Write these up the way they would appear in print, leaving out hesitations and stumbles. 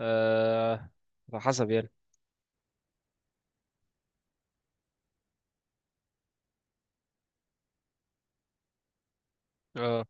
آه، على حسب يعني. اه،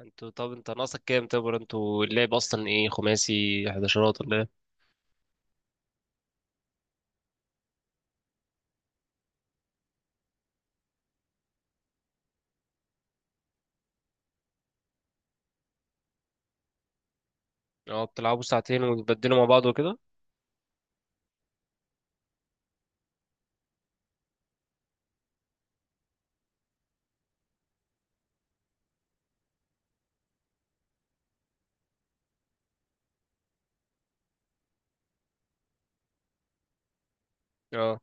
طب انت ناقصك كام تبر، انتوا اللعب اصلا ايه؟ خماسي، حداشرات ولا ايه؟ اه، بتلعبوا ساعتين وتبدلوا مع بعض وكده. اه.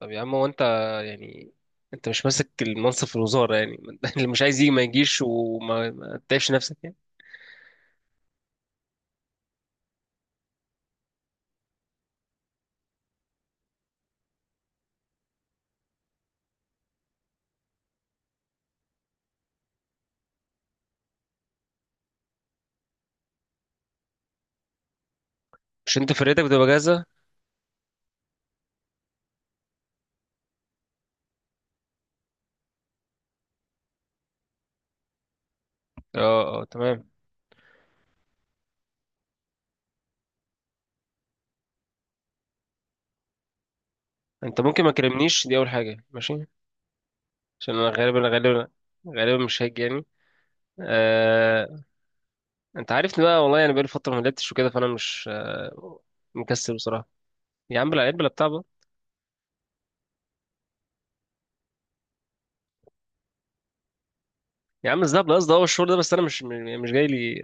طب يا عم، هو انت يعني انت مش ماسك المنصب في الوزارة يعني اللي مش عايز يجي ما يجيش، وما ما تتعبش نفسك يعني. مش انت فرقتك بتبقى جاهزة؟ اه، اه، تمام. انت ممكن ما كلمنيش، دي اول حاجة، ماشي؟ عشان انا غالبا مش هاجي يعني. آه. انت عارفني بقى، والله انا بقالي فتره ما لعبتش وكده، فانا مش مكسل بصراحه. يا عم لا، بلا بتاع بقى. يا عم الذهب، قصدي هو الشهور ده، بس انا مش جاي لي.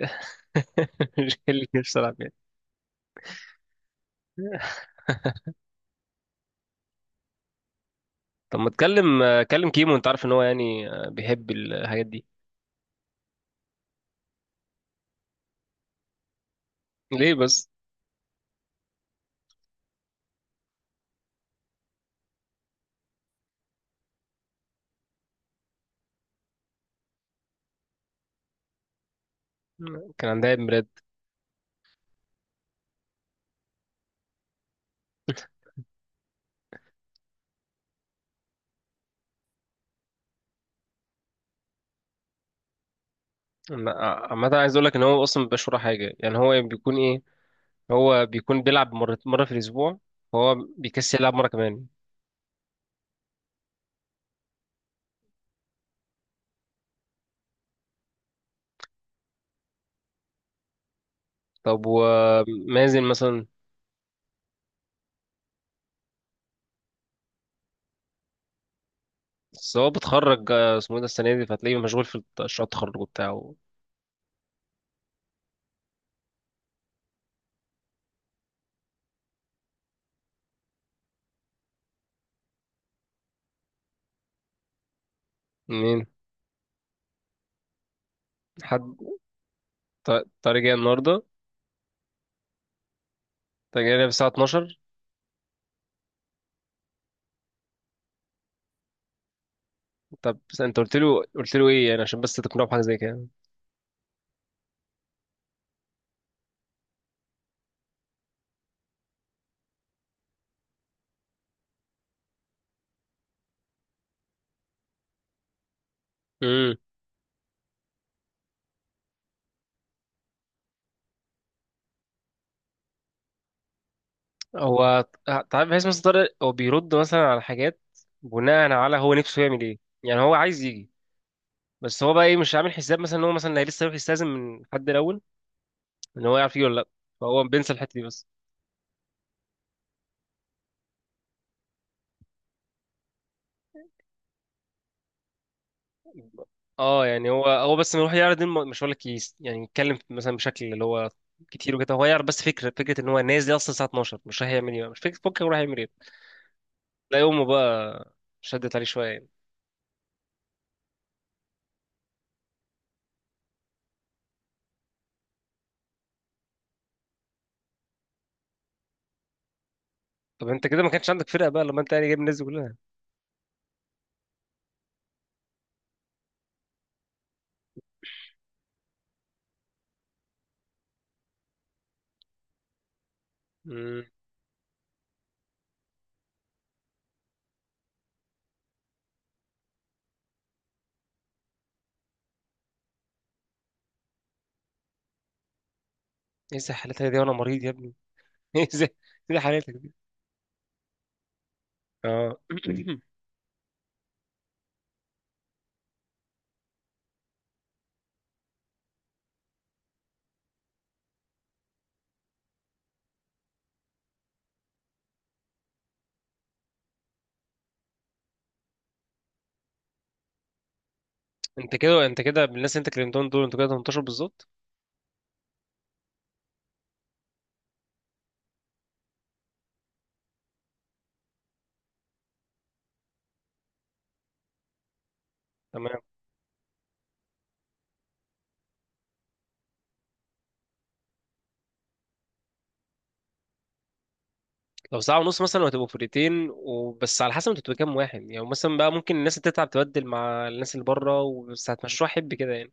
مش جاي لي نفسي العب يعني. طب ما تكلم، كلم كيمو، انت عارف ان هو يعني بيحب الحاجات دي. ليه بس؟ كان عندها عيد ميلاد. أما- عامه عايز اقول لك ان هو اصلا ما بيبقاش وراه حاجه يعني، هو بيكون ايه. هو بيكون بيلعب مره مره في الاسبوع. هو بيكسل يلعب مره كمان. طب ومازن مثلا؟ بس هو بيتخرج، اسمه ايه ده، السنة دي، فهتلاقيه مشغول في مشروع التخرج بتاعه. منين؟ حد؟ طارق جاي النهاردة؟ طارق جاي الساعة 12؟ طب بس انت قلت له ايه يعني عشان بس تقنعه بحاجة زي كده؟ امم. هو، تعرف، بحيث مثلا طارق هو بيرد مثلا على حاجات بناء على هو نفسه يعمل ايه، يعني هو عايز يجي، بس هو بقى ايه، مش عامل حساب مثلا ان هو مثلا هي لسه يروح يستأذن من حد الاول ان هو يعرف يجي ولا لا، فهو بينسى الحتة دي بس. اه، يعني هو بس إنه يروح يعرض دي مش هقول لك، يعني يتكلم مثلا بشكل اللي هو كتير وكده، هو يعرض بس فكره فكره ان هو نازل اصلا الساعه 12، مش رايح يعمل ايه بقى. مش فكره بكره رايح يعمل ايه. تلاقي امه بقى شدت عليه شويه يعني. طب انت كده ما كانش عندك فرقه بقى لما انت يعني جايب الناس دي كلها؟ امم. ايه زي حالتك دي، وانا مريض يا ابني ايه زي. إيه زي حالتك دي؟ اه انت كده بالناس اللي انت كلمتهم دول انتوا كده 18 بالظبط؟ تمام. لو ساعة ونص مثلا وهتبقوا فرقتين وبس، على حسب انتوا بتبقوا كام واحد يعني، مثلا بقى ممكن الناس اللي تتعب تبدل مع الناس اللي بره وبس، هتمشوها حب كده يعني.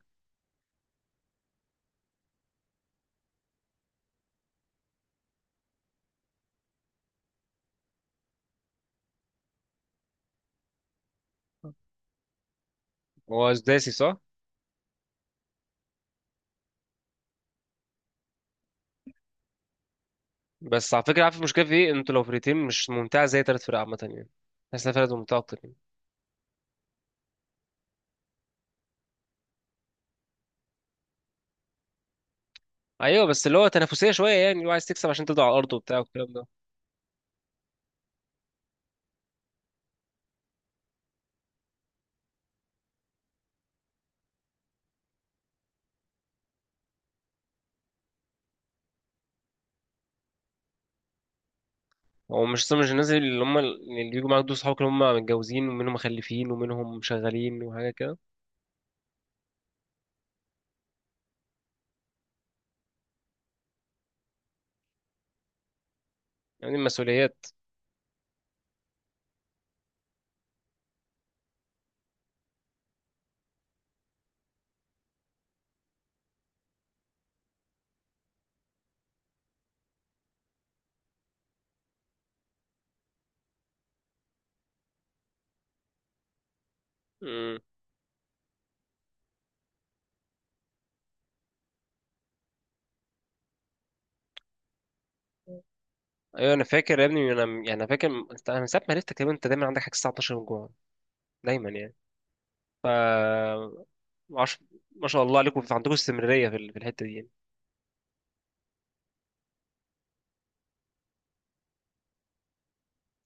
هو سداسي صح؟ بس على فكرة، عارف المشكلة في ايه؟ انتوا لو فرقتين مش ممتعة زي تلات فرق عامة يعني. تحس انها فرقة ممتعة أكتر يعني. أيوة، بس اللي هو تنافسية شوية يعني، اللي هو عايز تكسب عشان تفضل على الأرض وبتاع والكلام ده. هو مش الناس اللي هم اللي بيجوا معاك دول صحابك، اللي هم متجوزين ومنهم مخلفين ومنهم شغالين وحاجة كده؟ يعني المسؤوليات. ايوه انا فاكر يا ابني، انا يعني انا فاكر، انت انا من ساعه ما عرفتك تقريبا انت دايما عندك حاجه الساعه 12، جوع دايما يعني. ف عش... ما شاء الله عليكم، عندكم استمراريه في في الحته دي يعني.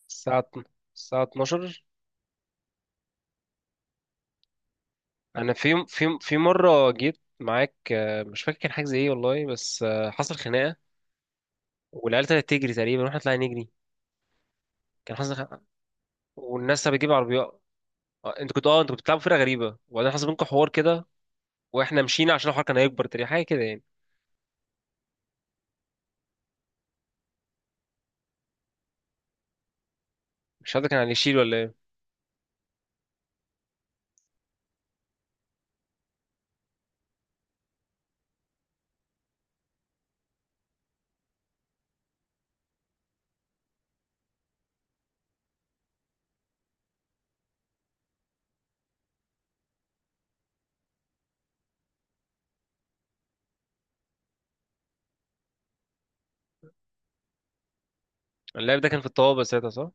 الساعه اتن- الساعه 12. انا في مره جيت معاك، مش فاكر كان حاجه زي ايه والله، بس حصل خناقه، والعيال ابتدت تجري تقريبا واحنا طلعنا نجري. كان حصل خناقة. والناس بتجيب عربيات. انتوا كنتوا بتلعبوا فرقه غريبه، وبعدين حصل بينكم حوار كده، واحنا مشينا عشان الحوار كان هيكبر تقريبا، حاجه كده يعني. مش عارف ده كان على الشيل ولا ايه. اللاعب ده كان في الطوابه ساعتها، صح؟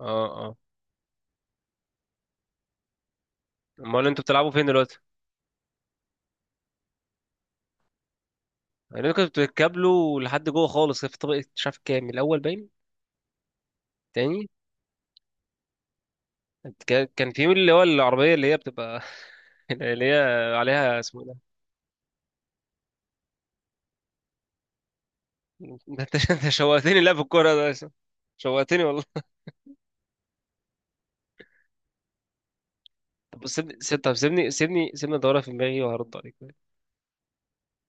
اه، اه. امال انتوا بتلعبوا فين دلوقتي؟ يعني انتوا كنتوا بتتكابلوا لحد جوه خالص في طبقه مش عارف كام، الاول باين. تاني. كان في، اللي هو العربيه اللي هي بتبقى اللي هي عليها اسمه إيه؟ ده انت شوقتني لا في الكوره ده شوقتني والله. طب سيبني، سيبني ادورها في دماغي وهرد عليك.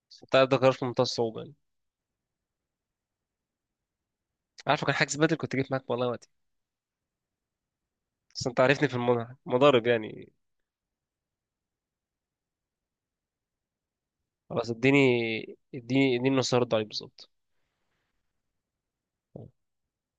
بس انت ده قرار في منتهى الصعوبه يعني. عارفه كان حاجز بدل كنت جيت معاك والله وقتي، بس انت عارفني في المضارب يعني. خلاص، اديني نص هرد عليك بالظبط.